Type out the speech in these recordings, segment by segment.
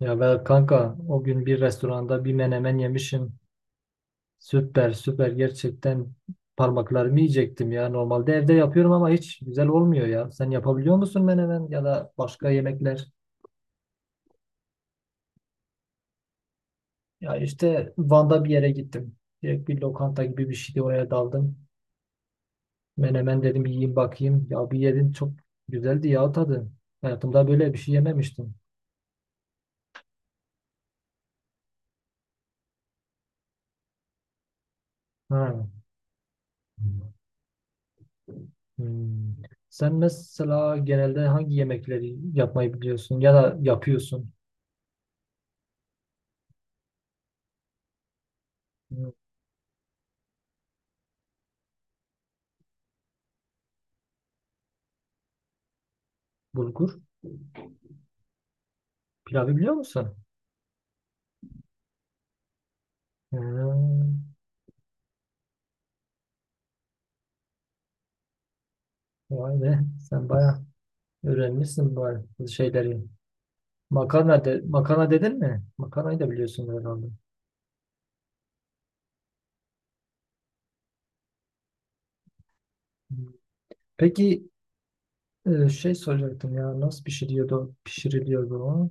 Ya ben kanka o gün bir restoranda bir menemen yemişim. Süper süper gerçekten parmaklarımı yiyecektim ya. Normalde evde yapıyorum ama hiç güzel olmuyor ya. Sen yapabiliyor musun menemen ya da başka yemekler? Ya işte Van'da bir yere gittim. Direkt bir lokanta gibi bir şeydi oraya daldım. Menemen dedim yiyeyim bakayım. Ya bir yedim çok güzeldi ya tadı. Hayatımda böyle bir şey yememiştim. Ha. Hmm. Sen mesela genelde hangi yemekleri yapmayı biliyorsun ya da yapıyorsun? Bulgur pilavı biliyor musun? Hmm, vay be sen bayağı öğrenmişsin bu şeyleri. Makarna, de, makarna dedin mi? Makarnayı da biliyorsun herhalde. Hmm. Peki şey soracaktım ya nasıl pişiriliyordu o?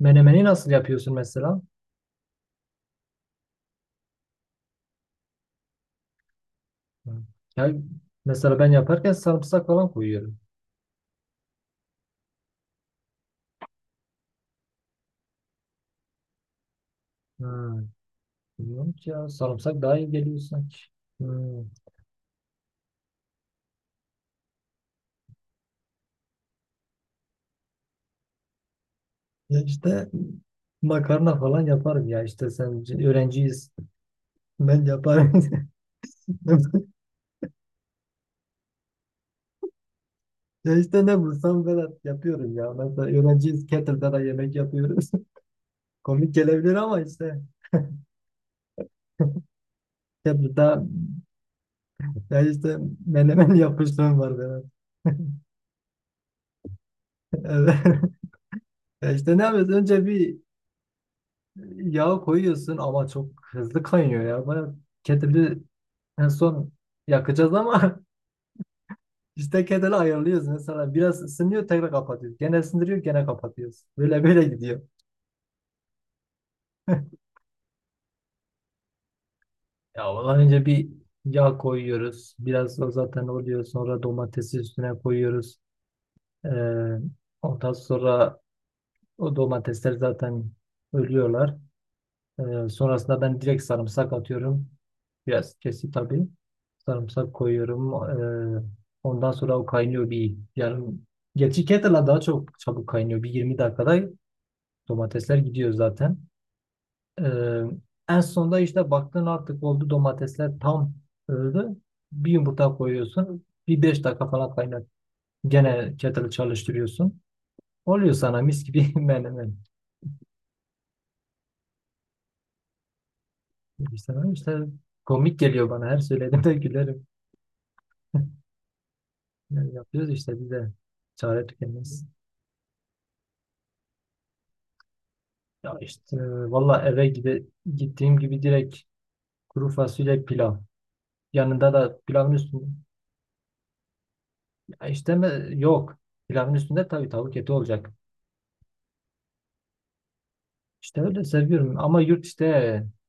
Menemeni nasıl yapıyorsun mesela? Hmm. Ya, mesela ben yaparken sarımsak falan koyuyorum. Hmm. Bilmiyorum ki ya sarımsak daha iyi geliyor sanki. Hmm. Ya işte makarna falan yaparım ya işte sen öğrenciyiz. Ben yaparım. Ya işte ne bulsam Vedat yapıyorum ya. Mesela öğrenciyiz Kettle'da da yemek yapıyoruz. Komik gelebilir ama işte Kettle'da ya işte menemen yapmışlığım var Vedat. Evet. Ya işte ne yapıyorsun? Önce bir yağ koyuyorsun ama çok hızlı kaynıyor ya. Bana Kettle'ı en son yakacağız ama işte Kettle'ı ayarlıyoruz. Mesela biraz ısınıyor tekrar kapatıyoruz. Gene ısındırıyor gene kapatıyoruz. Böyle böyle gidiyor. Ya ondan önce bir yağ koyuyoruz. Biraz da zaten oluyor. Sonra domatesi üstüne koyuyoruz. Ee, ondan sonra o domatesler zaten ölüyorlar. Sonrasında ben direkt sarımsak atıyorum. Biraz kesip tabii. Sarımsak koyuyorum. Ee, ondan sonra o kaynıyor bir yarım. Gerçi kettle'la daha çok çabuk kaynıyor. Bir 20 dakikada domatesler gidiyor zaten. Ee, en sonunda işte baktın artık oldu domatesler tam öldü. Bir yumurta koyuyorsun. Bir beş dakika falan kaynat. Gene kettle çalıştırıyorsun. Oluyor sana mis gibi menemen. İşte, işte komik geliyor bana. Her söylediğimde gülerim. Yani yapıyoruz işte bir de çare tükenmez. Ya işte valla gittiğim gibi direkt kuru fasulye pilav. Yanında da pilavın üstünde. Ya işte mi? Yok. Pilavın üstünde tabii tavuk eti olacak. İşte öyle seviyorum ama yurt işte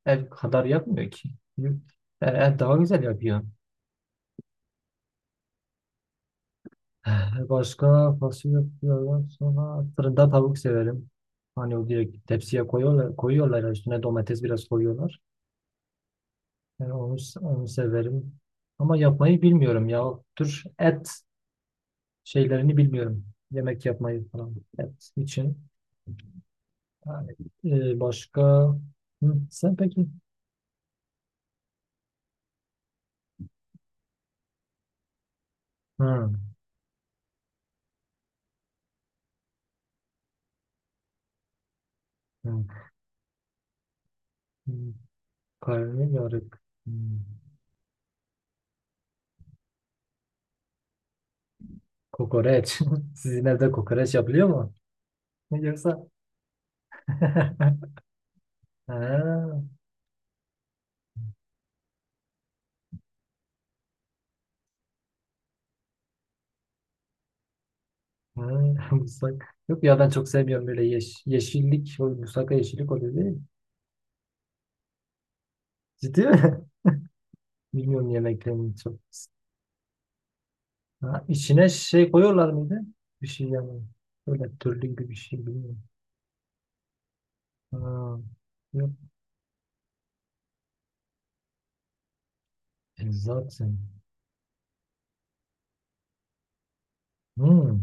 ev kadar yapmıyor ki. Yurt, ev daha güzel yapıyor. Başka fasulye yapıyorlar. Sonra fırında tavuk severim. Hani o direkt tepsiye koyuyorlar, koyuyorlar üstüne domates biraz koyuyorlar. Yani onu severim. Ama yapmayı bilmiyorum ya. O tür et şeylerini bilmiyorum. Yemek yapmayı falan et için. Yani, başka Hı, sen peki? Hı, hı, hı. Karnıyarık. Hı. Kokoreç. Sizin evde kokoreç yapılıyor mu? Yoksa ha, ha, musak. Yok ya ben çok sevmiyorum böyle yeşillik. O musaka yeşillik oluyor değil mi? Ciddi mi? Bilmiyorum yemeklerini çok. Ha, içine şey koyuyorlar mıydı? Bir şey yani. Böyle türlü gibi bir şey bilmiyorum. Ha, yok. E, zaten. Hmm.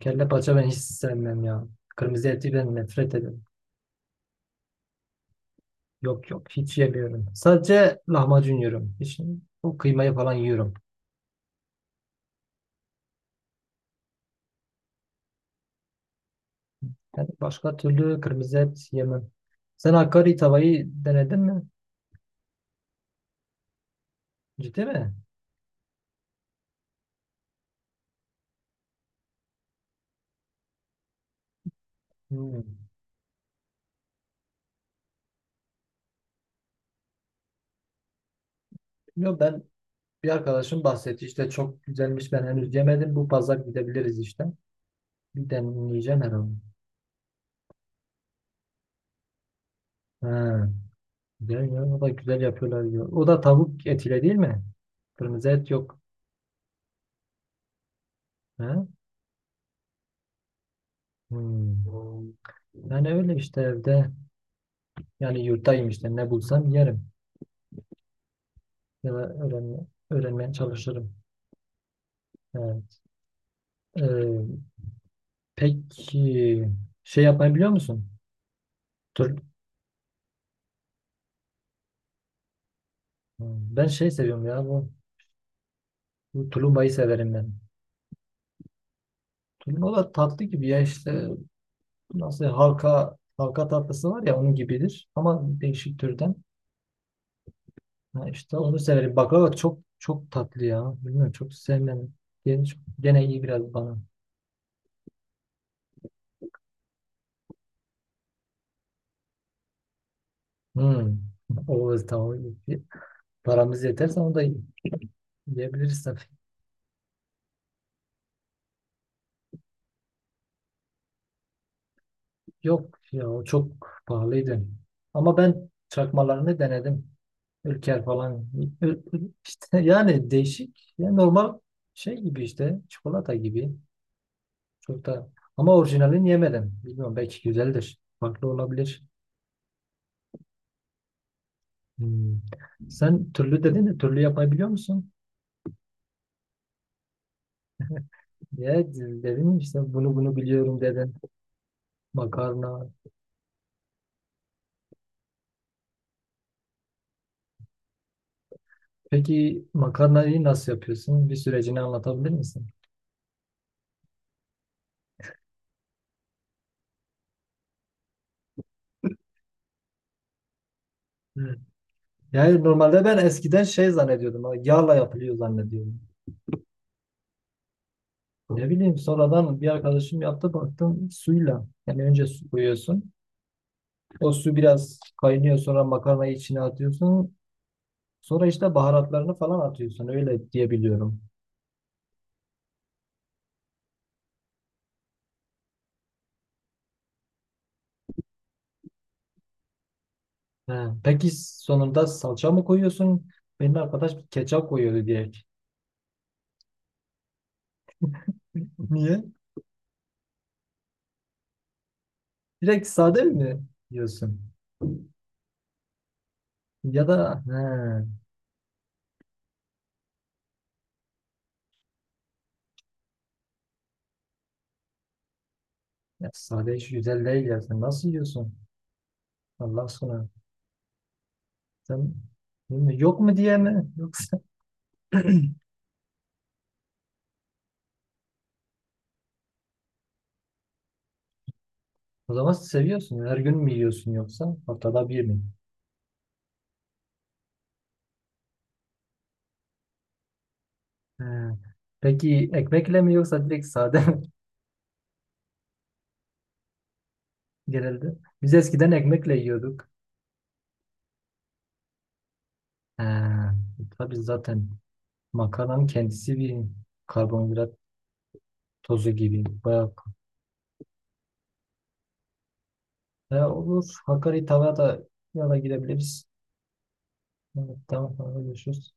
Kelle paça ben hiç sevmem ya. Kırmızı eti ben nefret ederim. Yok yok hiç yemiyorum. Sadece lahmacun yiyorum. Hiç o kıymayı falan yiyorum. Yani başka türlü kırmızı et yemem. Sen Hakkari tavayı denedin mi? Ciddi mi? Hmm. Yok ben bir arkadaşım bahsetti işte çok güzelmiş ben henüz yemedim. Bu pazar gidebiliriz işte. Bir deneyeceğim herhalde. Ha, güzel ya, o da güzel yapıyorlar diyor. O da tavuk etiyle değil mi? Kırmızı et yok. Ha? Hmm. Yani öyle işte evde yani yurttayım işte ne bulsam yerim. Ya da öğrenmeye çalışırım. Evet. Ee, peki şey yapmayı biliyor musun? Tur- ben şey seviyorum ya bu tulumbayı severim ben. Tulumba da tatlı gibi ya işte nasıl halka halka tatlısı var ya onun gibidir ama değişik türden. Ha işte onu severim. Baklava çok çok tatlı ya. Bilmiyorum çok sevmem. Gene iyi biraz bana. Hmm. O tamam. Paramız yeterse onu da yiyebiliriz. Yok ya o çok pahalıydı. Ama ben çakmalarını denedim. Ülker falan. İşte yani değişik. Ya normal şey gibi işte. Çikolata gibi. Çok da ama orijinalini yemedim. Bilmiyorum belki güzeldir. Farklı olabilir. Hmm. Sen türlü dedin de türlü yapabiliyor musun? Ya dedim işte bunu biliyorum dedin. Makarna. Peki makarnayı nasıl yapıyorsun? Bir sürecini anlatabilir misin? Yani normalde ben eskiden şey zannediyordum. Ha, yağla yapılıyor zannediyordum. Ne bileyim sonradan bir arkadaşım yaptı baktım suyla. Yani önce su koyuyorsun. O su biraz kaynıyor sonra makarnayı içine atıyorsun. Sonra işte baharatlarını falan atıyorsun. Öyle diyebiliyorum. He. Peki sonunda salça mı koyuyorsun? Benim arkadaş ketçap koyuyordu direkt. Niye? Direkt sade mi yiyorsun? Ya da he, ya sade hiç güzel değil ya. Sen nasıl yiyorsun? Allah aşkına. Sen değil mi? Yok mu diye mi? Yoksa o zaman seviyorsun. Her gün mü yiyorsun yoksa haftada bir mi? He. Peki ekmekle mi yoksa direkt sade mi genelde? Biz eskiden ekmekle yiyorduk. He. Tabii zaten makarnanın kendisi bir karbonhidrat tozu gibi. Bayağı. He, olur. Hakkari tavaya da ya da gidebiliriz. Evet, tamam. Tamam. Görüşürüz.